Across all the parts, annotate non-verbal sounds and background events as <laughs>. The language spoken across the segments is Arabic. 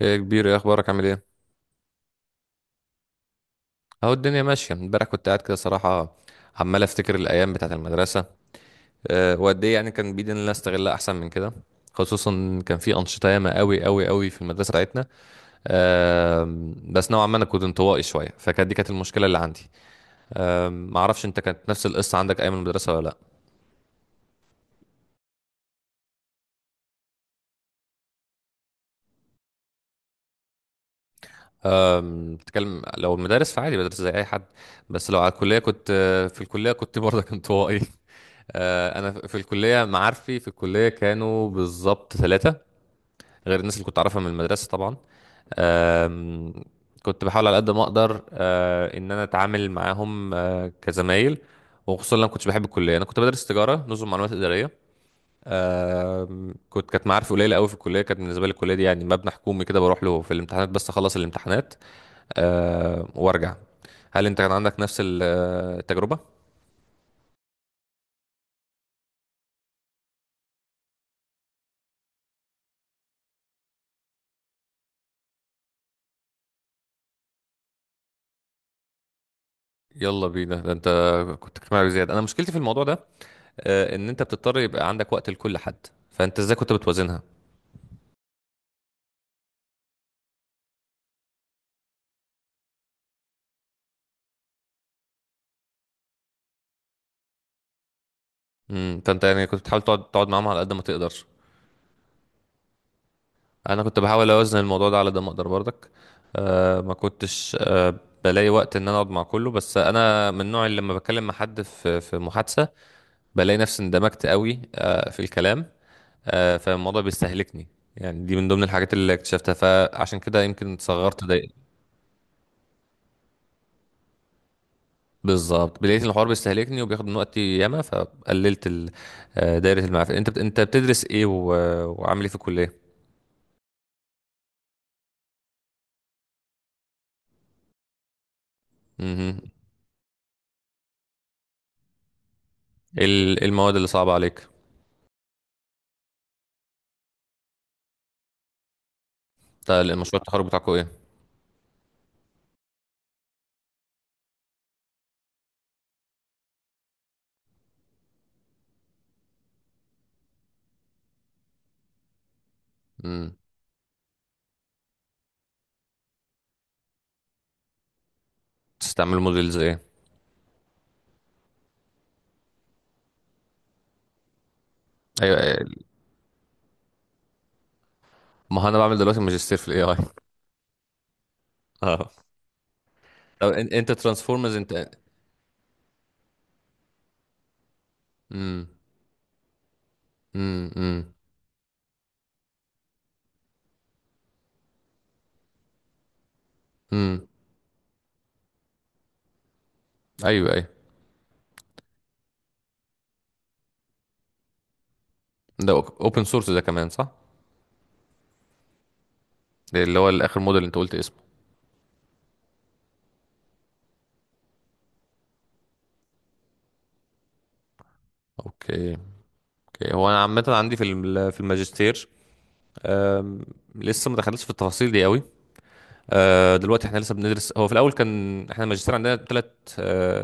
ايه يا كبير، ايه اخبارك؟ عامل ايه؟ اهو الدنيا ماشيه. امبارح كنت قاعد كده صراحه عمال افتكر الايام بتاعه المدرسه. وقد ايه يعني؟ كان بايدي ان انا استغلها احسن من كده، خصوصا كان في انشطه ياما قوي في المدرسه بتاعتنا. أه بس نوعا ما انا كنت انطوائي شويه، فكانت كانت المشكله اللي عندي. ما اعرفش انت، كانت نفس القصه عندك ايام المدرسه ولا لا؟ بتكلم لو المدارس فعادي، بدرس زي اي حد. بس لو على الكليه كنت، في الكليه كنت برضه انطوائي. <laughs> انا في الكليه، معارفي في الكليه كانوا بالظبط ثلاثه، غير الناس اللي كنت اعرفها من المدرسه طبعا. آم، كنت بحاول على قد ما اقدر، ان انا اتعامل معاهم، كزمايل، وخصوصا لما كنتش بحب الكليه. انا كنت بدرس تجاره، نظم معلومات اداريه. آم، كنت كانت معارفي قليله قوي في الكليه. كانت بالنسبه لي الكليه دي يعني مبنى حكومي كده، بروح له في الامتحانات بس، اخلص الامتحانات وارجع. هل انت كان عندك نفس التجربه؟ يلا بينا، ده انت كنت اجتماعي زياده. انا مشكلتي في الموضوع ده ان انت بتضطر يبقى عندك وقت لكل حد، فانت ازاي كنت بتوازنها؟ امم، فانت يعني كنت بتحاول تقعد معاهم على قد ما تقدر. انا كنت بحاول اوازن الموضوع ده على قد ما اقدر برضك. آه، ما كنتش آه، بلاقي وقت ان انا اقعد مع كله، بس انا من النوع اللي لما بتكلم مع حد في محادثه بلاقي نفسي اندمجت قوي في الكلام، فالموضوع بيستهلكني. يعني دي من ضمن الحاجات اللي اكتشفتها، فعشان كده يمكن صغرت دايرة. بالظبط، لقيت إن الحوار بيستهلكني وبياخد من وقتي ياما، فقللت دايرة المعرفة. انت بتدرس ايه وعامل ايه في الكلية؟ مهم. إيه المواد اللي صعبة عليك؟ بتاع المشروع التخرج بتاعكم ايه؟ مم. بتستعملوا موديلز ايه؟ ايوه، أيوة. ما هو انا بعمل دلوقتي ماجستير في الاي اي. اه. طب انت ترانسفورمرز انت. امم. امم. امم. ايوه ايوه. ده اوبن سورس ده كمان، صح؟ ده اللي هو الاخر موديل اللي انت قلت اسمه. اوكي، اوكي. هو انا عامه عندي في الماجستير لسه ما دخلتش في التفاصيل دي قوي. دلوقتي احنا لسه بندرس، هو في الاول كان احنا الماجستير عندنا ثلاث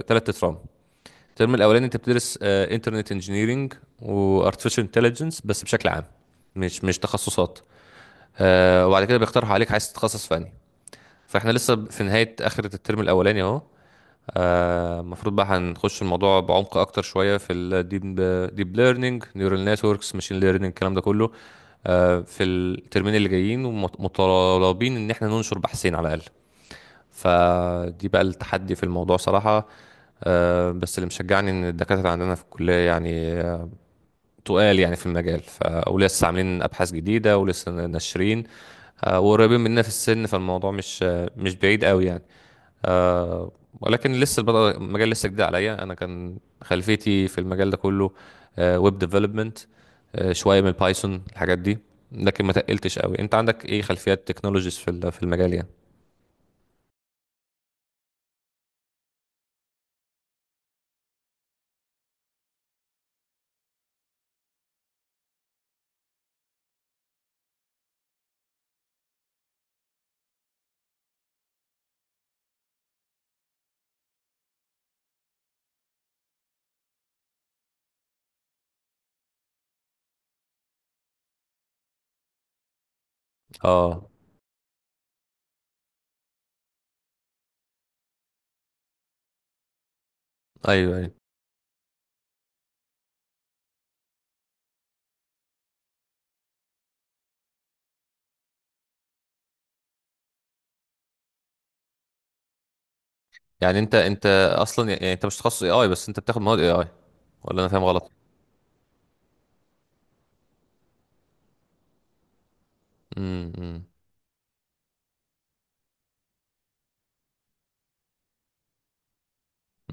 ثلاث اترام. الترم الاولاني انت بتدرس انترنت انجينيرنج وارتفيشال انتليجنس، بس بشكل عام، مش تخصصات. وبعد كده بيقترحوا عليك عايز تتخصص في انهي. فاحنا لسه في نهايه اخر الترم الاولاني اهو. المفروض بقى هنخش الموضوع بعمق اكتر شويه في الديب ليرنينج، نيورال نتوركس، ماشين ليرنينج، الكلام ده كله في الترمين اللي جايين، ومطالبين ان احنا ننشر بحثين على الاقل. فدي بقى التحدي في الموضوع صراحة. بس اللي مشجعني ان الدكاترة عندنا في الكلية يعني تقال يعني في المجال، ولسه عاملين ابحاث جديدة ولسه ناشرين، وقريبين مننا في السن، فالموضوع مش مش بعيد قوي يعني. آه ولكن لسه المجال لسه جديد عليا. انا كان خلفيتي في المجال ده كله ويب ديفلوبمنت، شويه من بايثون، الحاجات دي. لكن ما تقلتش قوي، انت عندك ايه خلفيات تكنولوجيز في المجال يعني؟ اه. ايوه ايوه. يعني انت اصلا، يعني انت مش تخصص اي اي بس انت بتاخد مواد اي اي، ولا انا فاهم غلط؟ امم.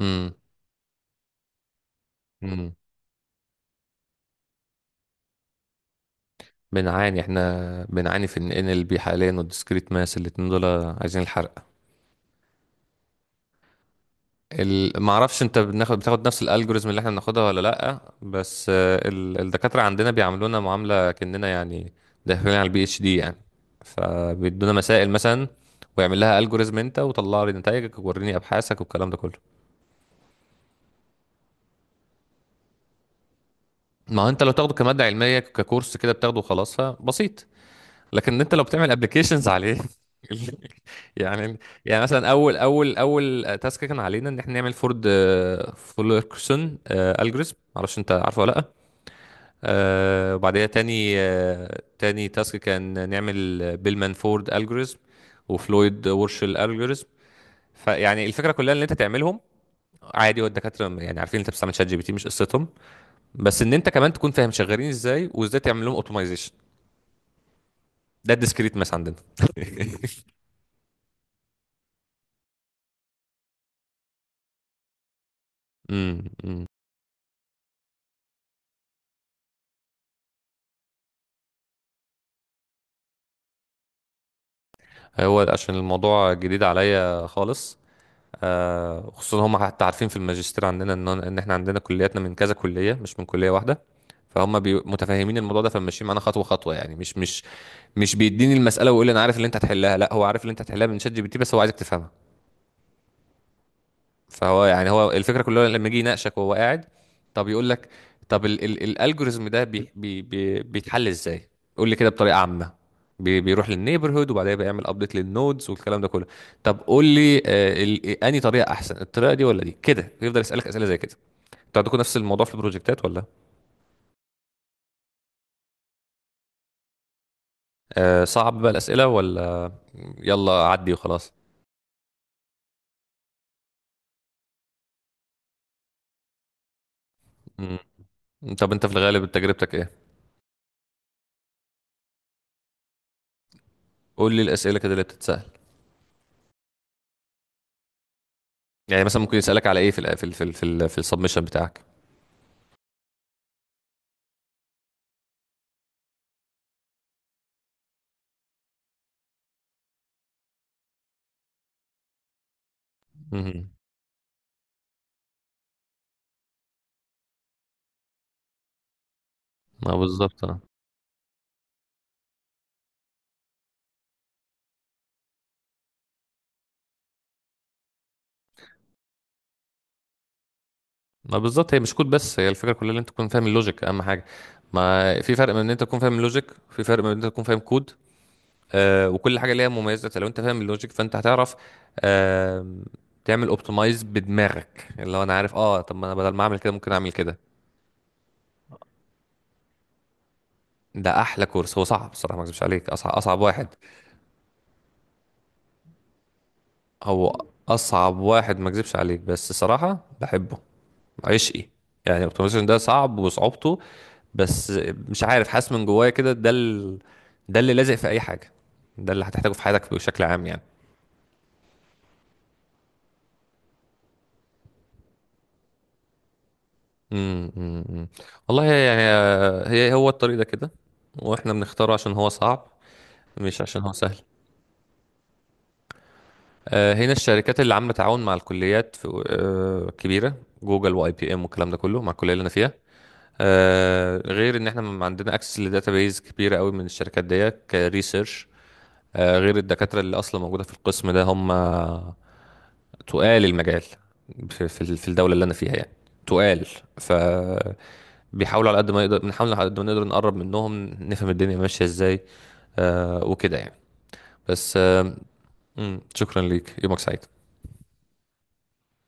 امم. امم. بنعاني احنا، بنعاني في ان ال بي حاليا، والديسكريت ماس، الاتنين دول عايزين الحرق. ما اعرفش انت بناخد، بتاخد نفس الالجوريزم اللي احنا بناخدها ولا لا، بس الدكاتره عندنا بيعاملونا معامله كاننا يعني داخلين على البي اتش دي يعني. فبيدونا مسائل مثلا، ويعمل لها الجوريزم انت، وطلع لي نتائجك، ووريني ابحاثك، والكلام ده كله. ما هو انت لو تاخده كماده علميه ككورس كده، بتاخده وخلاص فبسيط، لكن انت لو بتعمل ابلكيشنز عليه. <laughs> يعني، يعني مثلا اول تاسك كان علينا ان احنا نعمل فورد فولكرسون الجوريزم، معرفش انت عارفه ولا لا. وبعدها تاني، تاني تاسك كان نعمل بيلمان فورد الجوريزم وفلويد وورشل الجوريزم. فيعني الفكره كلها ان انت تعملهم عادي، والدكاتره يعني عارفين انت بتستعمل شات جي بي تي، مش قصتهم، بس ان انت كمان تكون فاهم شغالين ازاي، وازاي تعمل لهم اوتومايزيشن. ده الديسكريت ماس عندنا. امم، أمم. هو عشان الموضوع جديد عليا خالص، خصوصا هم حتى عارفين في الماجستير عندنا ان احنا عندنا كلياتنا من كذا كليه، مش من كليه واحده. فهم متفاهمين الموضوع ده، فماشيين معانا خطوه خطوه يعني، مش بيديني المساله ويقول لي انا عارف اللي انت هتحلها، لا، هو عارف اللي انت هتحلها من شات جي بي تي، بس هو عايزك تفهمها. فهو يعني هو الفكره كلها لما يجي يناقشك وهو قاعد، طب يقول لك، طب ال الالجوريزم ده بي بي بي بيتحل ازاي؟ قول لي كده بطريقه عامه. بيروح للنيبرهود، وبعدين بيعمل ابديت للنودز والكلام ده كله. طب قول لي انهي طريقه احسن، الطريقه دي ولا دي كده؟ يفضل يسالك اسئله زي كده. انتوا عندكم نفس الموضوع في البروجكتات ولا؟ آه، صعب بقى الاسئله ولا يلا عدي وخلاص؟ مم. طب انت في الغالب تجربتك ايه؟ قول لي الاسئله كده اللي بتتسال. يعني مثلا ممكن يسالك على ايه في ال في السبمشن بتاعك؟ مم. ما بالظبط، اه. ما بالظبط، هي مش كود، بس هي الفكره كلها ان انت تكون فاهم اللوجيك، اهم حاجه. ما في فرق بين ان انت تكون فاهم اللوجيك، في فرق بين ان انت تكون فاهم كود. وكل حاجه ليها مميزات. لو انت فاهم اللوجيك فانت هتعرف آه تعمل اوبتمايز بدماغك، اللي هو انا عارف اه، طب ما انا بدل ما اعمل كده ممكن اعمل كده. ده احلى كورس. هو صعب الصراحه، ما اكذبش عليك، اصعب واحد. هو اصعب واحد ما اكذبش عليك، بس الصراحه بحبه، عشقي. يعني الاوتوميشن ده صعب، وصعوبته بس، مش عارف، حاسس من جوايا كده ده ده اللي لازق في اي حاجه، ده اللي هتحتاجه في حياتك بشكل عام يعني. امم، أمم، أمم. والله يعني هي هو الطريق ده كده، واحنا بنختاره عشان هو صعب، مش عشان هو سهل. هنا الشركات اللي عامله تعاون مع الكليات في كبيره، جوجل واي بي ام والكلام ده كله مع الكليه اللي انا فيها. غير ان احنا عندنا اكسس لداتابيز كبيره قوي من الشركات ديت كريسيرش. غير الدكاترة اللي أصلا موجودة في القسم ده، هم تقال المجال في الدولة اللي أنا فيها يعني، تقال. ف، بيحاولوا على قد ما يقدر، بنحاول على قد ما نقدر نقرب منهم، نفهم الدنيا ماشية ازاي وكده يعني، بس آه. مم، شكرا ليك، يومك سعيد.